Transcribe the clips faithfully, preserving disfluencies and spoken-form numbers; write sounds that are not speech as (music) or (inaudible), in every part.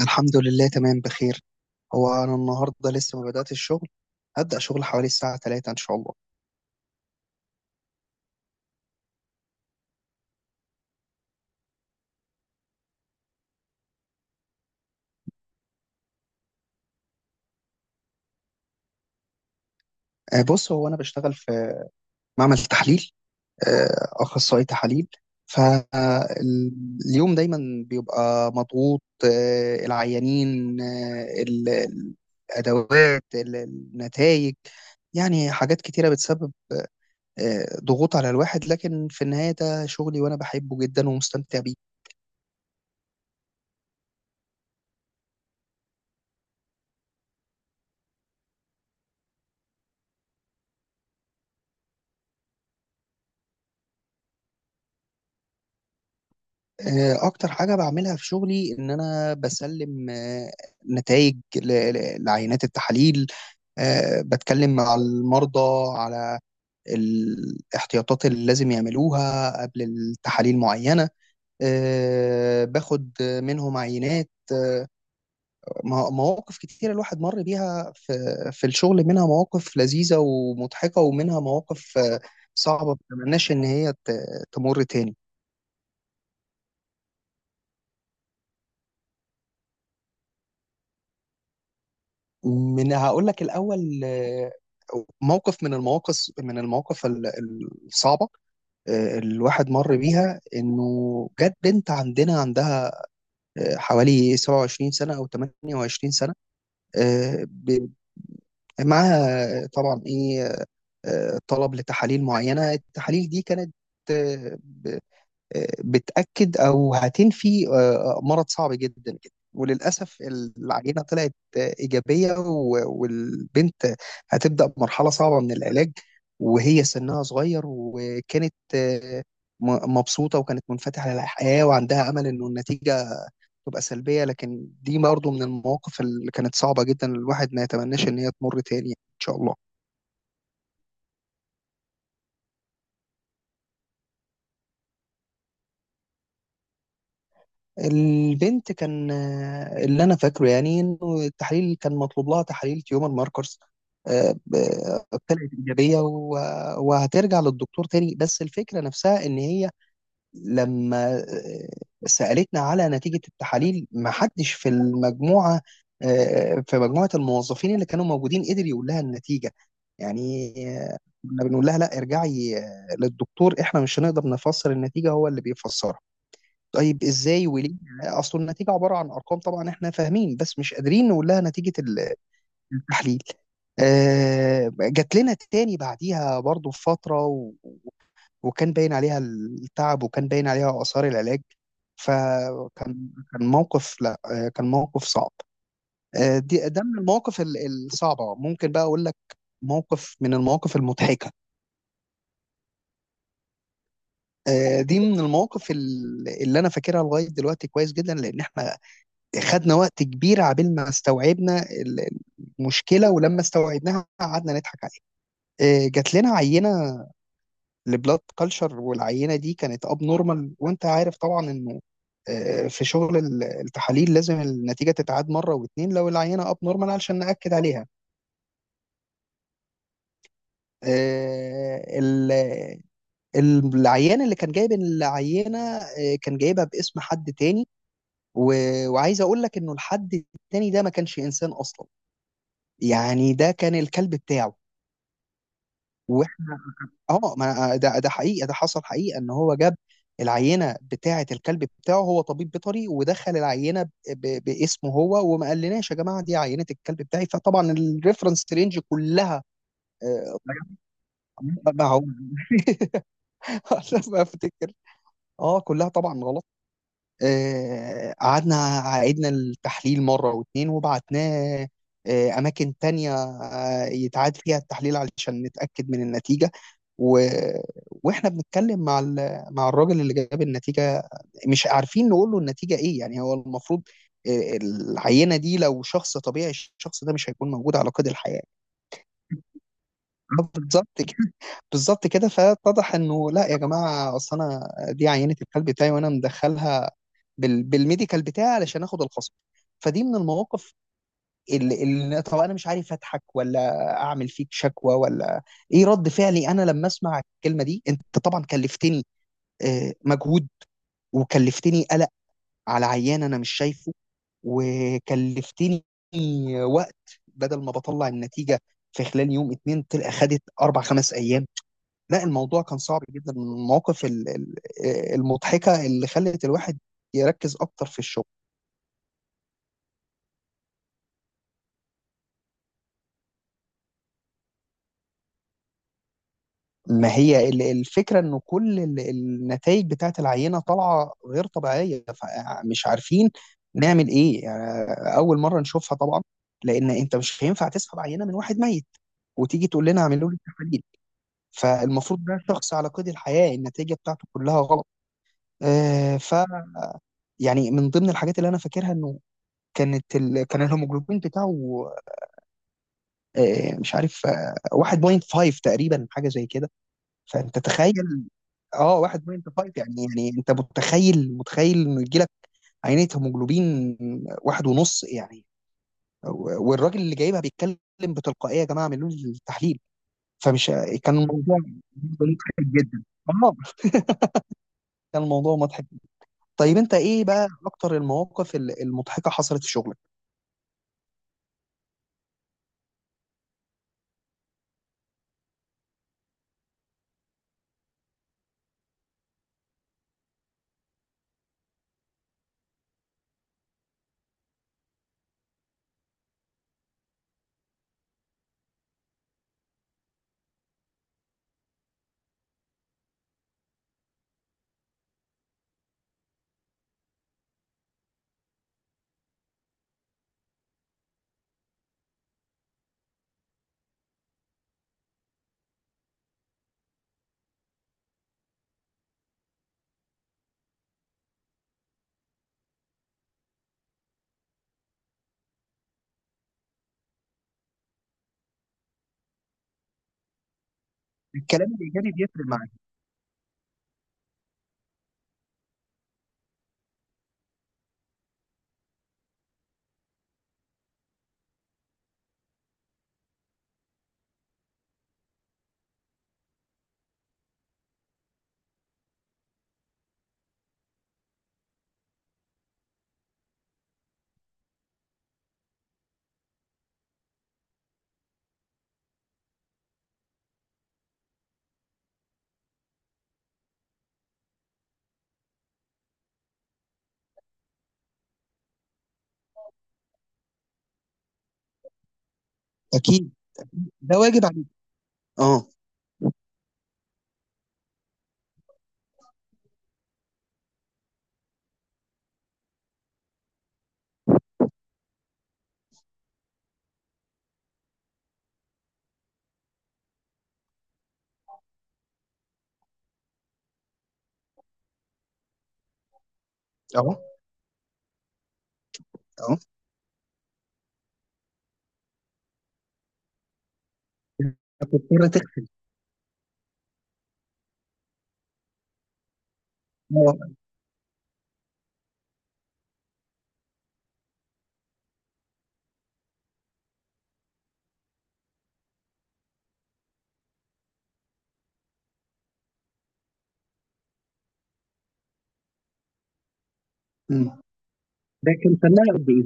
الحمد لله، تمام بخير. هو أنا النهاردة لسه ما بدأت الشغل. هبدأ شغل حوالي الساعة ثلاثة إن شاء الله. آه، بص، هو أنا بشتغل في معمل تحليل، آه، أخصائي تحاليل. فاليوم دايما بيبقى مضغوط، آه، العيانين آه، ال- ال- الأدوات، النتائج، يعني حاجات كتيرة بتسبب آه، ضغوط على الواحد. لكن في النهاية ده شغلي وأنا بحبه جدا ومستمتع بيه. آه، اكتر حاجه بعملها في شغلي ان انا بسلم نتائج لعينات التحاليل. آه، بتكلم مع المرضى على الاحتياطات اللي لازم يعملوها قبل التحاليل معينه. آه، باخد منهم عينات. آه، مو- مواقف كتيرة الواحد مر بيها في في الشغل، منها مواقف لذيذة ومضحكة، ومنها مواقف آه، صعبة ما بتمناش إن هي ت- تمر تاني. من هقول لك الاول، آه، موقف من المواقف، من المواقف ال- الصعبه آه، الواحد مر بيها، انه جت بنت عندنا، عندها آه، حوالي سبعة وعشرين سنه او ثمانية وعشرين سنه. آه، ب- معاها طبعا ايه، آه، طلب لتحاليل معينه. التحاليل دي كانت بتأكد أو هتنفي آه، آه، مرض صعب جدا جدا. وللأسف العينة طلعت آه، إيجابية، و- والبنت هتبدأ مرحلة صعبة من العلاج، وهي سنها صغير، وكانت آه، م- مبسوطة وكانت منفتحة للحياة وعندها أمل إنه النتيجة تبقى سلبية. لكن دي برضه من المواقف اللي كانت صعبة جدا، الواحد ما يتمناش إن هي تمر تاني إن شاء الله. البنت كان آه، اللي انا فاكره يعني انه التحاليل كان مطلوب لها تحاليل تيومر ماركرز. آه، ب- طلعت ايجابيه و- وهترجع للدكتور تاني. بس الفكره نفسها ان هي لما آه، سالتنا على نتيجه التحاليل، ما حدش في المجموعه، آه، في مجموعه الموظفين اللي كانوا موجودين، قدر يقول لها النتيجه، يعني آه، كنا بنقول لها لا، ارجعي آه، للدكتور، احنا مش هنقدر نفسر النتيجه، هو اللي بيفسرها. طيب ازاي وليه؟ اصل النتيجه عباره عن ارقام، طبعا احنا فاهمين بس مش قادرين نقول لها نتيجه ال- التحليل. آه، جات لنا تاني بعديها برضو في فتره، و- وكان باين عليها التعب وكان باين عليها اثار العلاج. فكان كان موقف، لا آه، كان موقف صعب. آه، دي ده من المواقف ال- الصعبه. ممكن بقى اقول لك موقف من المواقف المضحكه. آه، دي من المواقف ال- اللي انا فاكرها لغايه دلوقتي كويس جدا، لان احنا خدنا وقت كبير عبال ما استوعبنا ال- المشكله، ولما استوعبناها قعدنا نضحك عليها. آه، جات لنا عينه لبلاد كلشر، والعينه دي كانت اب نورمال. وانت عارف طبعا انه آه، في شغل ال- التحاليل لازم النتيجه تتعاد مره واتنين لو العينه اب نورمال علشان ناكد عليها. آه، ال- العيان اللي كان جايب العينه آه، كان جايبها باسم حد تاني، و- وعايز اقول لك انه الحد التاني ده ما كانش انسان اصلا، يعني ده كان الكلب بتاعه. واحنا اه ما أنا- ده ده حقيقه، ده حصل حقيقه. ان هو جاب العينه بتاعه الكلب بتاعه، هو طبيب بيطري ودخل العينه ب- ب- باسمه هو وما قالناش يا جماعه دي عينه الكلب بتاعي. فطبعا الريفرنس رينج كلها آه، ما هو (laughs) ما افتكر اه كلها طبعا غلط. آه، قعدنا عيدنا التحليل مرة واتنين وبعتناه آه، أماكن تانية آه، يتعاد فيها التحليل علشان نتأكد من النتيجة. و... وإحنا بنتكلم مع ال... مع الراجل اللي جاب النتيجة، مش عارفين نقول له النتيجة إيه. يعني هو المفروض آه، العينة دي لو شخص طبيعي، الشخص ده مش هيكون موجود على قيد الحياة. آه، بالظبط كده (laughs) بالظبط كده. فاتضح انه لا يا جماعه، اصل انا دي عينه الكلب بتاعي وانا مدخلها بال... بالميديكال بتاعي علشان اخد الخصم. فدي من المواقف اللي, اللي طب انا مش عارف اضحك ولا اعمل فيك شكوى ولا ايه رد فعلي انا لما اسمع الكلمه دي. انت طبعا كلفتني آه، مجهود، وكلفتني قلق على عيان انا مش شايفه، وكلفتني وقت، بدل ما بطلع النتيجه في خلال يوم اتنين تلقى خدت اربع خمس ايام. لا، الموضوع كان صعب جدا. من المواقف ال- ال- المضحكة اللي خلت الواحد يركز أكتر في الشغل. ما هي ال- الفكرة إنه كل النتائج بتاعة العينة طالعة غير طبيعية، فمش عارفين نعمل إيه. يعني أول مرة نشوفها طبعا، لأن أنت مش هينفع تسحب عينة من واحد ميت وتيجي تقول لنا اعملوا لي تحاليل. فالمفروض ده شخص على قيد الحياة، النتيجة بتاعته كلها غلط. آه، ف يعني من ضمن الحاجات اللي أنا فاكرها إنه كانت ال... كان الهيموجلوبين بتاعه آه، مش عارف، آه، واحد فاصلة خمسة تقريبا، حاجه زي كده. فانت تخيل، اه واحد فاصلة خمسة يعني. يعني انت متخيل متخيل انه يجي لك عينيه هيموجلوبين واحد ونص يعني، و- والراجل اللي جايبها بيتكلم بتلقائيه يا جماعه اعملوا لي التحليل. فمش كان الموضوع مضحك جدا. اه كان الموضوع مضحك. طيب انت ايه بقى اكتر المواقف ال- المضحكه حصلت في شغلك؟ الكلام الايجابي بيفرق معاك. اكيد، ده واجب عليك. اه اه اه. بتضطر تخفي. اه. ده كان سنها قد ايه؟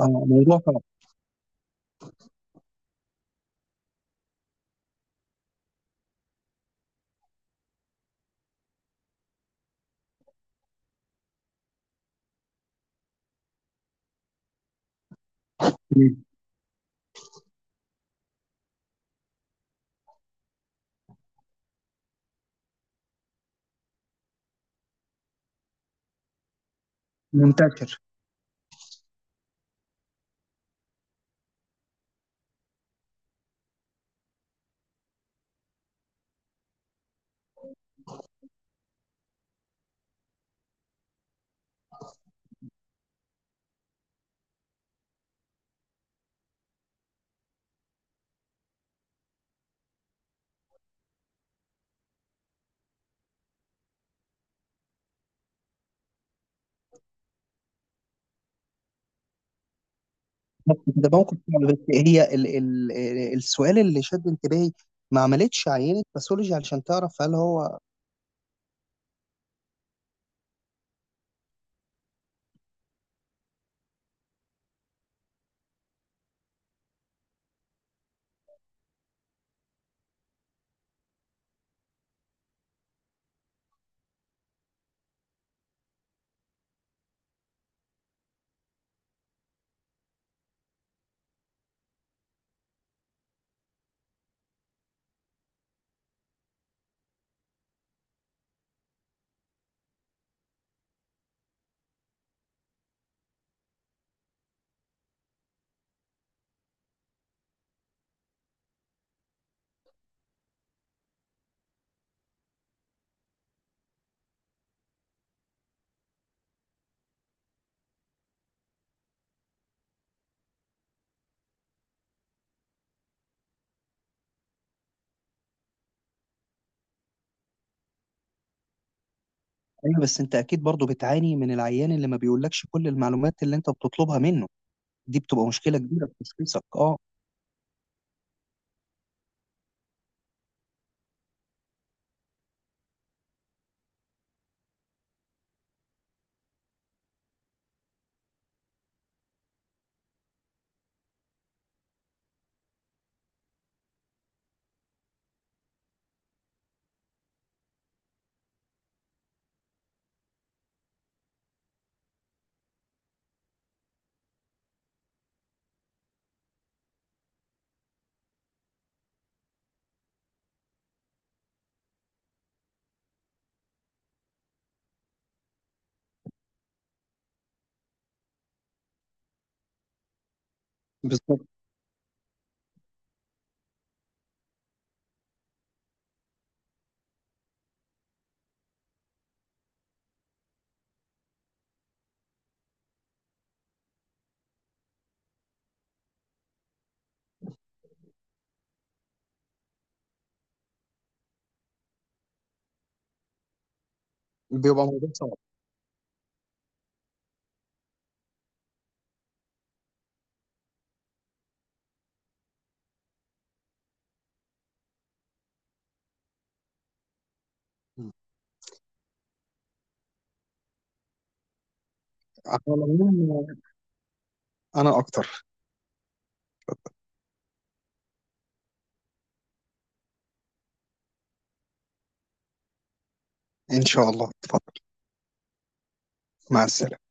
اه، موضوع فعلا. مم. منتشر. بس ده موقف فعلا. بس هي ال ال السؤال اللي شد انتباهي، ما عملتش عينة باثولوجي علشان تعرف هل هو؟ ايوه بس انت اكيد برضو بتعاني من العيان اللي ما بيقولكش كل المعلومات اللي انت بتطلبها منه. دي بتبقى مشكلة كبيرة في تشخيصك. اه، بالظبط. بيبقى موضوع صعب. مم. على العموم انا اكتر. ان شاء الله، اتفضل. مع السلامة.